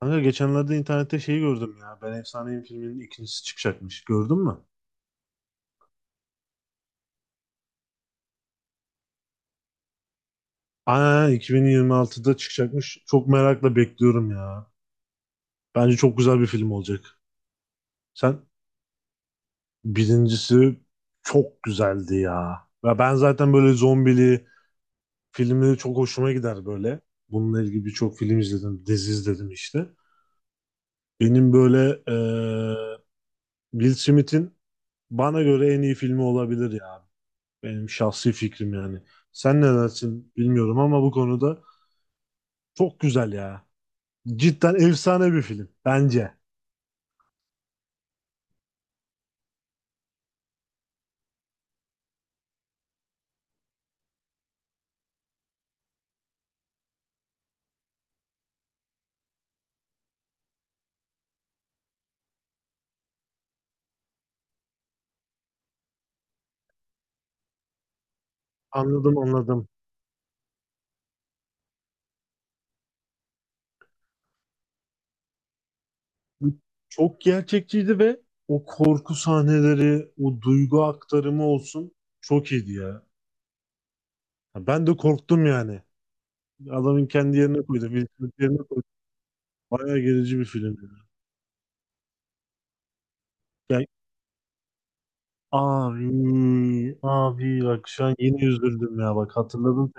Kanka geçenlerde internette şeyi gördüm ya. Ben Efsaneyim filminin ikincisi çıkacakmış. Gördün mü? Aynen 2026'da çıkacakmış. Çok merakla bekliyorum ya. Bence çok güzel bir film olacak. Sen birincisi çok güzeldi ya. Ve ben zaten böyle zombili filmleri çok hoşuma gider böyle. Bununla ilgili birçok film izledim, dizi izledim işte. Benim böyle Will Smith'in bana göre en iyi filmi olabilir ya. Benim şahsi fikrim yani. Sen ne dersin bilmiyorum ama bu konuda çok güzel ya. Cidden efsane bir film bence. Anladım, anladım. Çok gerçekçiydi ve o korku sahneleri, o duygu aktarımı olsun çok iyiydi ya. Ya ben de korktum yani. Adamın kendi yerine koydu. Will Smith yerine koydu. Bayağı gerici bir film yani. Yani abi, abi bak şu an yeni üzüldüm ya, bak hatırladım.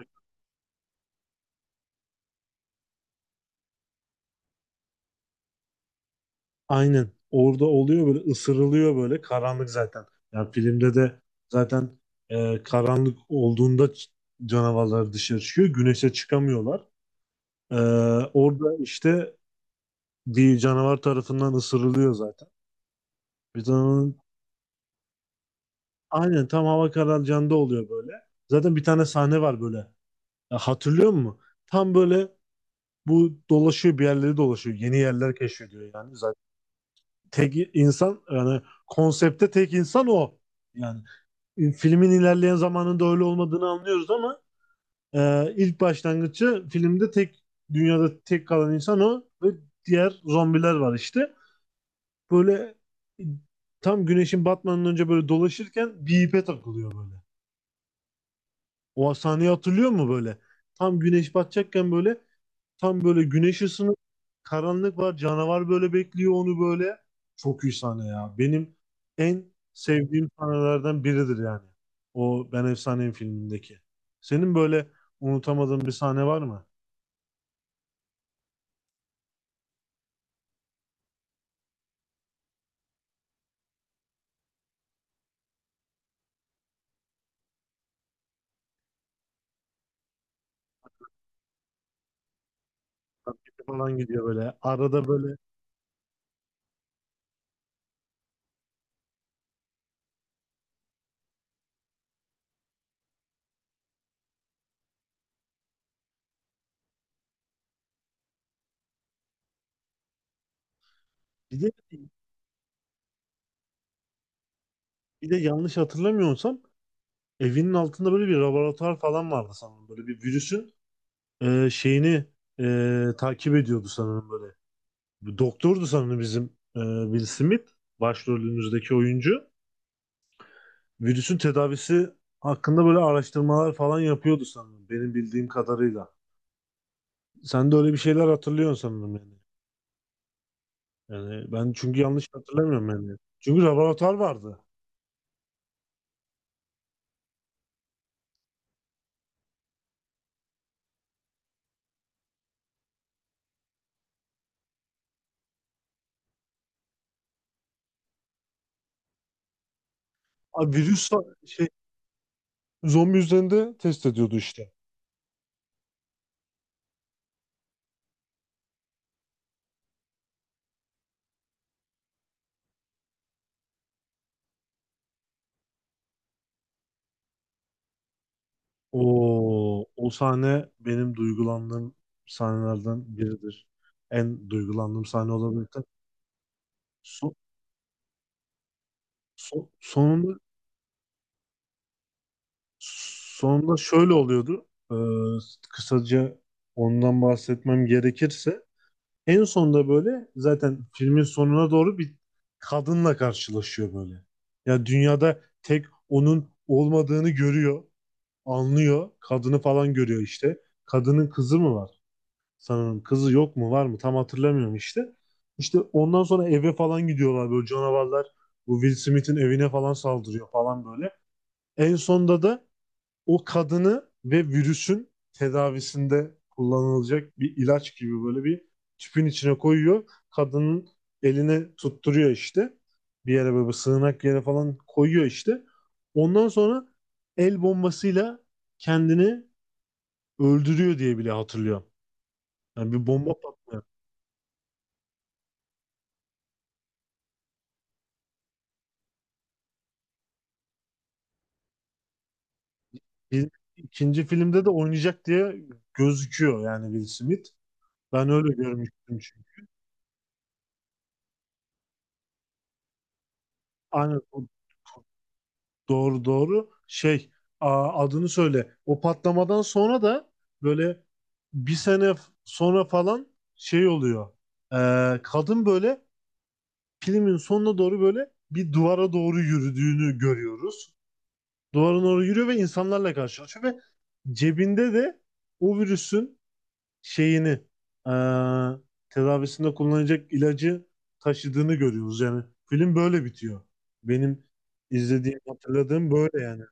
Aynen. Orada oluyor böyle, ısırılıyor, böyle karanlık zaten. Yani filmde de zaten karanlık olduğunda canavarlar dışarı çıkıyor. Güneşe çıkamıyorlar. E, Orada işte bir canavar tarafından ısırılıyor zaten. Bir tane Aynen, tam hava kararacağında oluyor böyle. Zaten bir tane sahne var böyle. Hatırlıyor musun? Tam böyle bu dolaşıyor bir yerleri dolaşıyor. Yeni yerler keşfediyor yani zaten. Tek insan, yani konsepte tek insan o. Yani filmin ilerleyen zamanında öyle olmadığını anlıyoruz ama ilk başlangıcı filmde dünyada tek kalan insan o ve diğer zombiler var işte. Böyle, e, tam güneşin batmadan önce böyle dolaşırken bir ipe takılıyor böyle. O sahneyi hatırlıyor mu böyle? Tam güneş batacakken böyle, tam böyle güneş ısınıp karanlık var. Canavar böyle bekliyor onu böyle. Çok iyi sahne ya. Benim en sevdiğim sahnelerden biridir yani. O Ben Efsaneyim filmindeki. Senin böyle unutamadığın bir sahne var mı? Markete falan gidiyor böyle. Arada böyle bir de bir de yanlış hatırlamıyorsam evinin altında böyle bir laboratuvar falan vardı sanırım. Böyle bir virüsün şeyini takip ediyordu sanırım böyle. Bu doktordu sanırım bizim, e, Will Smith, başrolümüzdeki oyuncu. Virüsün tedavisi hakkında böyle araştırmalar falan yapıyordu sanırım benim bildiğim kadarıyla. Sen de öyle bir şeyler hatırlıyorsun sanırım yani. Yani ben çünkü yanlış hatırlamıyorum yani. Çünkü laboratuvar vardı. Abi virüs şey, zombi üzerinde test ediyordu işte. O, o sahne benim duygulandığım sahnelerden biridir. En duygulandığım sahne olabilir. So- Sonunda, sonunda şöyle oluyordu. Ee, Kısaca ondan bahsetmem gerekirse, en sonda böyle zaten filmin sonuna doğru bir kadınla karşılaşıyor böyle. Ya dünyada tek onun olmadığını görüyor, anlıyor. Kadını falan görüyor işte. Kadının kızı mı var? Sanırım kızı yok mu, var mı? Tam hatırlamıyorum işte. İşte ondan sonra eve falan gidiyorlar, böyle canavarlar bu Will Smith'in evine falan saldırıyor falan böyle. En sonda da o kadını ve virüsün tedavisinde kullanılacak bir ilaç gibi böyle bir tüpün içine koyuyor. Kadının eline tutturuyor işte. Bir yere, böyle bir sığınak yere falan koyuyor işte. Ondan sonra el bombasıyla kendini öldürüyor diye bile hatırlıyorum. Yani bir bomba patlıyor. Bir, ikinci filmde de oynayacak diye gözüküyor yani Will Smith. Ben öyle görmüştüm çünkü. Aynen. Doğru, doğru. Şey, adını söyle. O patlamadan sonra da böyle bir sene sonra falan şey oluyor. Kadın böyle filmin sonuna doğru böyle bir duvara doğru yürüdüğünü görüyoruz. Duvara doğru yürüyor ve insanlarla karşılaşıyor ve cebinde de o virüsün şeyini, ee, tedavisinde kullanacak ilacı taşıdığını görüyoruz. Yani film böyle bitiyor. Benim izlediğim, hatırladığım böyle yani.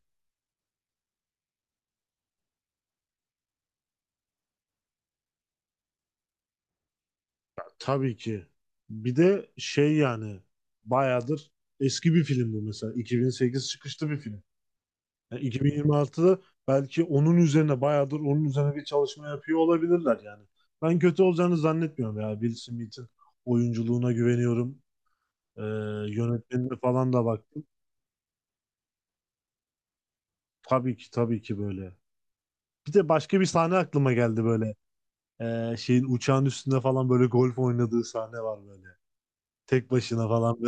Tabii ki. Bir de şey yani, bayağıdır eski bir film bu mesela. 2008 çıkışlı bir film. Yani 2026'da belki onun üzerine, bayağıdır onun üzerine bir çalışma yapıyor olabilirler yani. Ben kötü olacağını zannetmiyorum ya. Will Smith'in oyunculuğuna güveniyorum. Ee, Yönetmenine falan da baktım. Tabii ki, tabii ki böyle. Bir de başka bir sahne aklıma geldi böyle. Şeyin, uçağın üstünde falan böyle golf oynadığı sahne var böyle. Tek başına falan.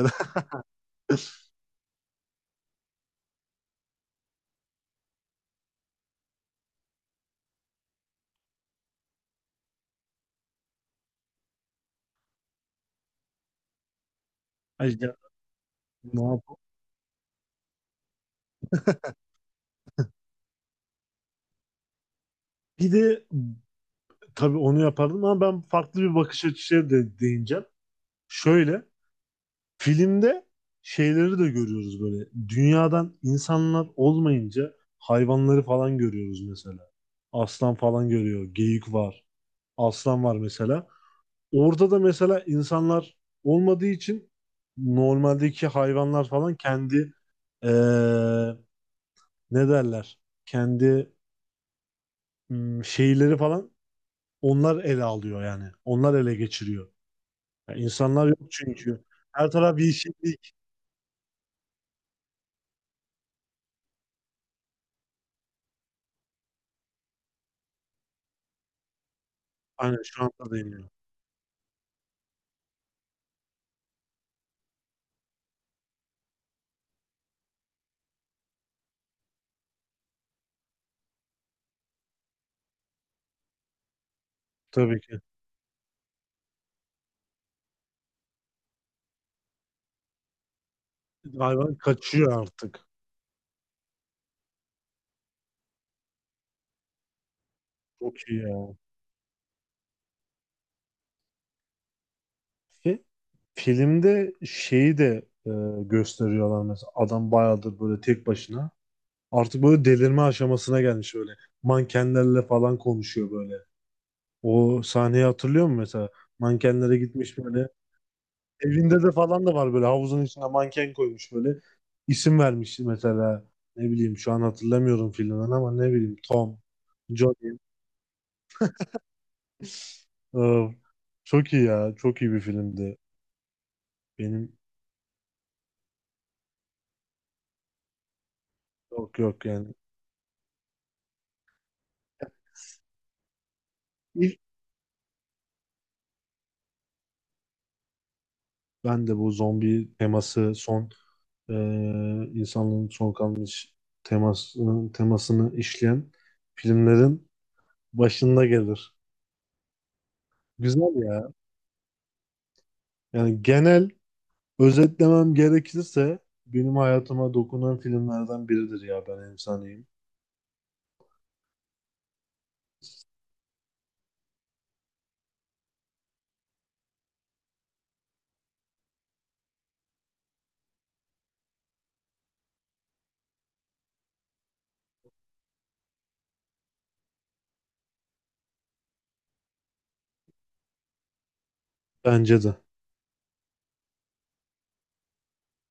Ay ya, ne yapalım? Bir de tabii onu yapardım ama ben farklı bir bakış açısıyla de değineceğim. Şöyle, filmde şeyleri de görüyoruz böyle. Dünyadan insanlar olmayınca hayvanları falan görüyoruz mesela. Aslan falan görüyor. Geyik var. Aslan var mesela. Orada da mesela insanlar olmadığı için normaldeki hayvanlar falan kendi, eee, ne derler, kendi şeyleri falan, onlar ele alıyor yani. Onlar ele geçiriyor. Yani insanlar yok çünkü. Her taraf yeşillik. Aynen şu anda deniyor. Tabii ki. Hayvan kaçıyor artık. Çok iyi ya. Ve filmde şeyi de, gösteriyorlar mesela. Adam bayağıdır böyle tek başına. Artık böyle delirme aşamasına gelmiş öyle. Mankenlerle falan konuşuyor böyle. O sahneyi hatırlıyor musun mesela? Mankenlere gitmiş böyle. Evinde de falan da var, böyle havuzun içine manken koymuş böyle. İsim vermiş mesela. Ne bileyim şu an hatırlamıyorum filmden ama ne bileyim, Tom, Johnny. Ee, Çok iyi ya. Çok iyi bir filmdi. Benim yok, yok yani. İlk ben de bu zombi teması, son e, insanlığın son kalmış temasını işleyen filmlerin başında gelir. Güzel ya. Yani genel özetlemem gerekirse benim hayatıma dokunan filmlerden biridir ya Ben Efsaneyim. Bence de.